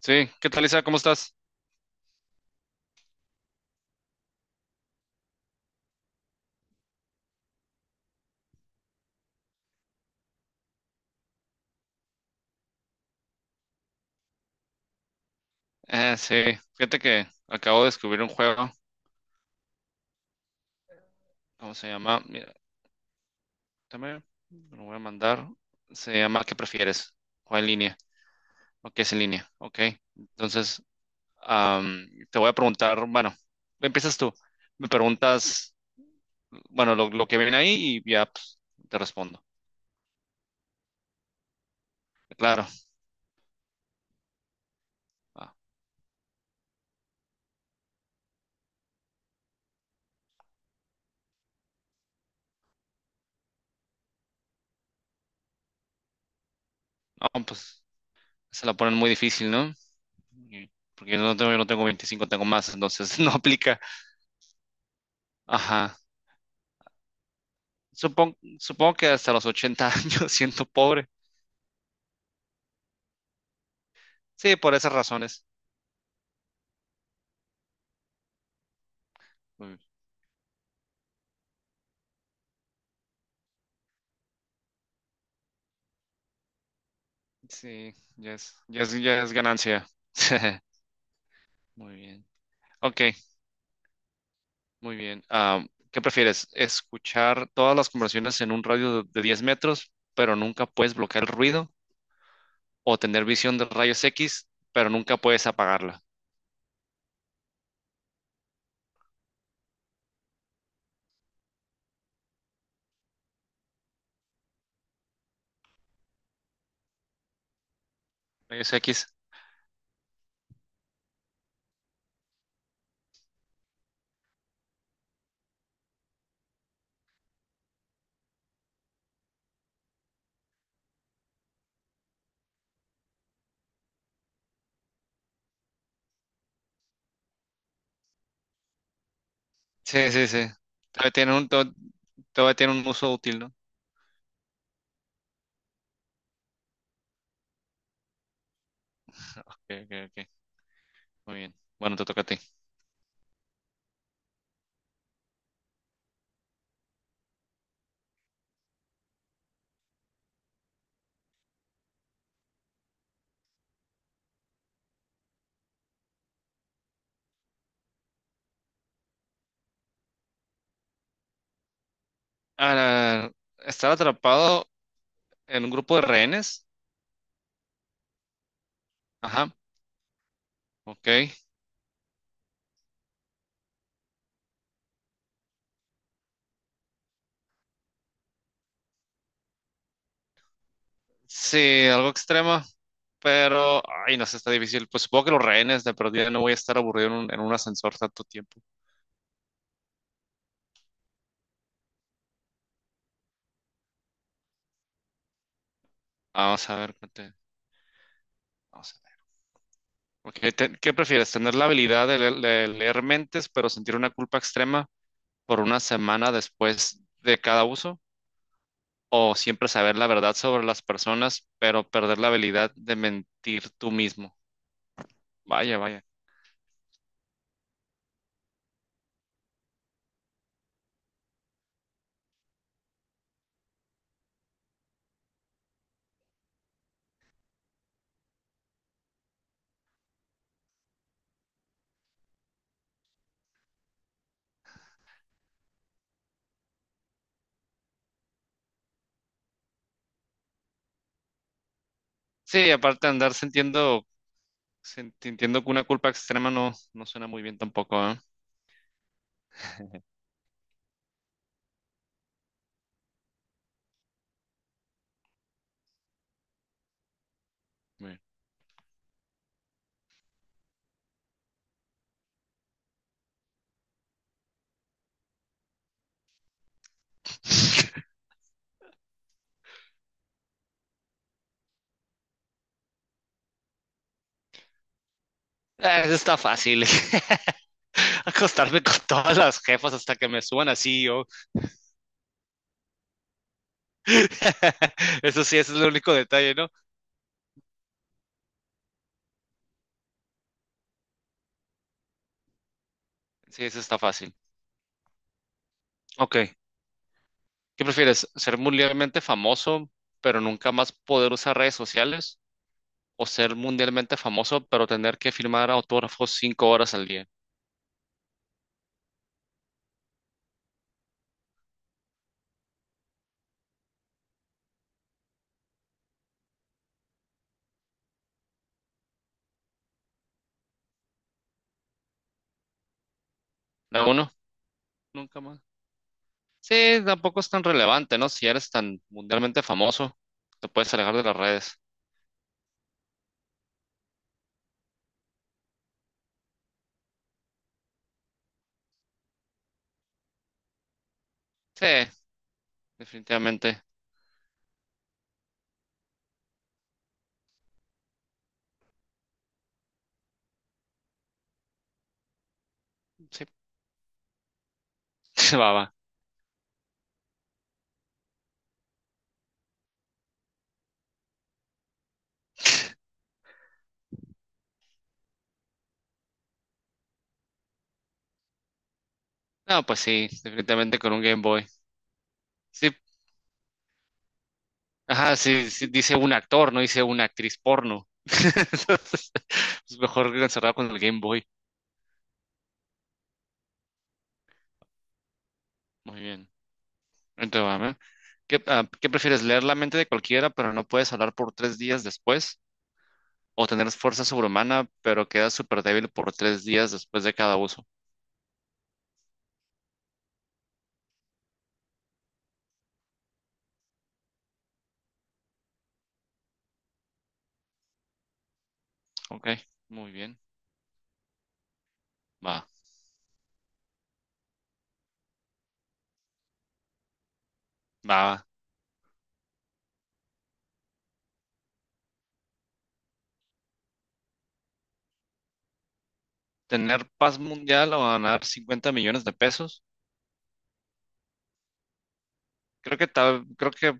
Sí, ¿qué tal, Isa? ¿Cómo estás? Eh, sí, fíjate que acabo de descubrir un juego. ¿Cómo se llama? Mira, también lo voy a mandar. Se llama ¿Qué prefieres? ¿O en línea? ¿O qué es en línea? Ok. Entonces, te voy a preguntar, bueno, empiezas tú. Me preguntas, bueno, lo que viene ahí y ya pues, te respondo. Claro. Ah, no, pues se la ponen muy difícil, ¿no? Porque yo no tengo 25, tengo más, entonces no aplica. Ajá. Supongo que hasta los 80 años siento pobre. Sí, por esas razones. Mm. Sí, ya es ganancia. Muy bien. Ok, muy bien. ¿Qué prefieres? ¿Escuchar todas las conversaciones en un radio de 10 metros, pero nunca puedes bloquear el ruido? ¿O tener visión de rayos X, pero nunca puedes apagarla? ¿Rayos X? Sí, sí, sí. Todavía tiene un, to- todavía tiene un uso útil, ¿no? Ok, ok, ok. Muy bien. Bueno, te toca a ti. Ah, estar atrapado en un grupo de rehenes. Ajá, ok. Sí, algo extremo, pero, ay, no sé, está difícil. Pues supongo que los rehenes de perdida no voy a estar aburrido en un ascensor tanto tiempo. Vamos a ver, espérate, vamos a ver. Ok, ¿qué prefieres? ¿Tener la habilidad de leer mentes, pero sentir una culpa extrema por una semana después de cada uso? ¿O siempre saber la verdad sobre las personas, pero perder la habilidad de mentir tú mismo? Vaya, vaya. Sí, aparte de andar te entiendo que una culpa extrema no, no suena muy bien tampoco, ¿eh? Muy bien. Ah, eso está fácil. Acostarme con todas las jefas hasta que me suban así yo. Eso sí, ese es el único detalle, ¿no? Sí, eso está fácil. Ok. ¿Qué prefieres? ¿Ser mundialmente famoso, pero nunca más poder usar redes sociales? ¿O ser mundialmente famoso, pero tener que firmar autógrafos 5 horas al día? ¿La uno? Nunca más. Sí, tampoco es tan relevante, ¿no? Si eres tan mundialmente famoso, te puedes alejar de las redes. Sí, definitivamente. Sí, va, va. No, pues sí, definitivamente con un Game Boy. Sí, ajá, sí, sí, dice un actor, no dice una actriz porno. Entonces, es mejor que encerrado con el Game Boy. Muy bien. Entonces, va, ¿eh? ¿ ¿qué prefieres? ¿Leer la mente de cualquiera, pero no puedes hablar por 3 días después? ¿O tener fuerza sobrehumana, pero quedas súper débil por 3 días después de cada uso? Ok, muy bien. Va. Va, tener paz mundial o ganar 50 millones de pesos. Creo que tal, creo que,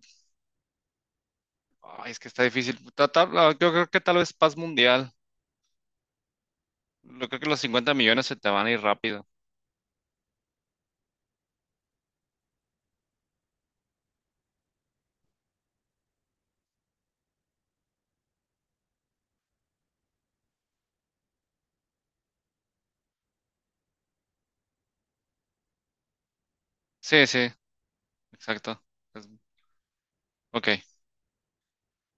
ay, es que está difícil. Yo creo que tal vez paz mundial. Yo creo que los 50 millones se te van a ir rápido. Sí, sí, exacto. Es- ok.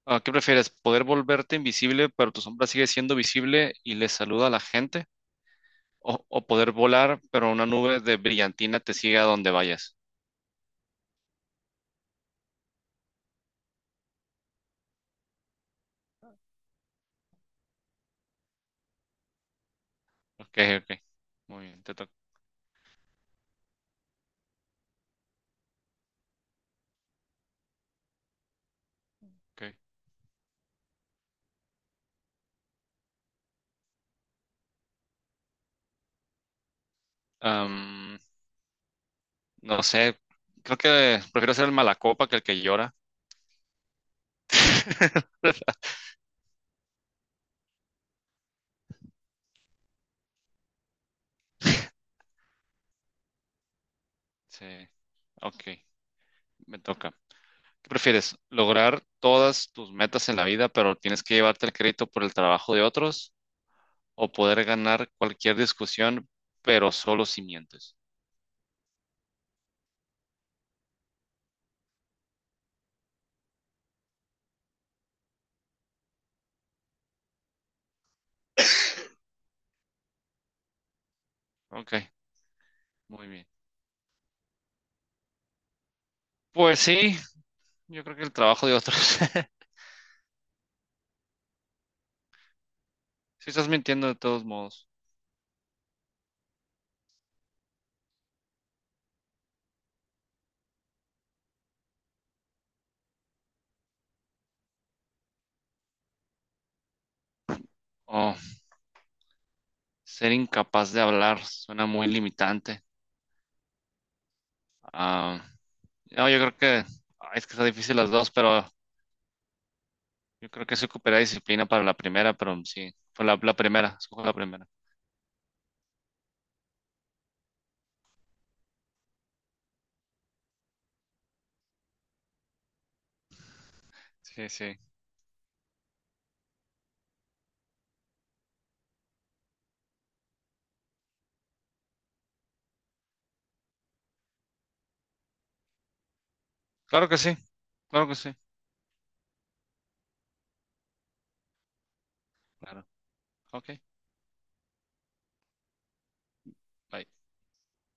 Ah, ¿qué prefieres? ¿Poder volverte invisible, pero tu sombra sigue siendo visible y le saluda a la gente? ¿O poder volar, pero una nube de brillantina te sigue a donde vayas? Ok, ok. Muy bien, te toca. Ok. No sé, creo que prefiero ser el malacopa que el que llora. Sí, ok, me toca. ¿Qué prefieres? ¿Lograr todas tus metas en la vida, pero tienes que llevarte el crédito por el trabajo de otros? ¿O poder ganar cualquier discusión, pero solo si mientes? Ok, muy bien. Pues sí, yo creo que el trabajo de otros. Si estás mintiendo de todos modos. Oh, ser incapaz de hablar suena muy limitante. Ah, no, yo creo que es que está difícil las dos, pero yo creo que se ocupará disciplina para la primera, pero sí, fue la primera, escojo la primera. Sí, sí. Claro que sí, claro que sí. Claro. Ok, bye.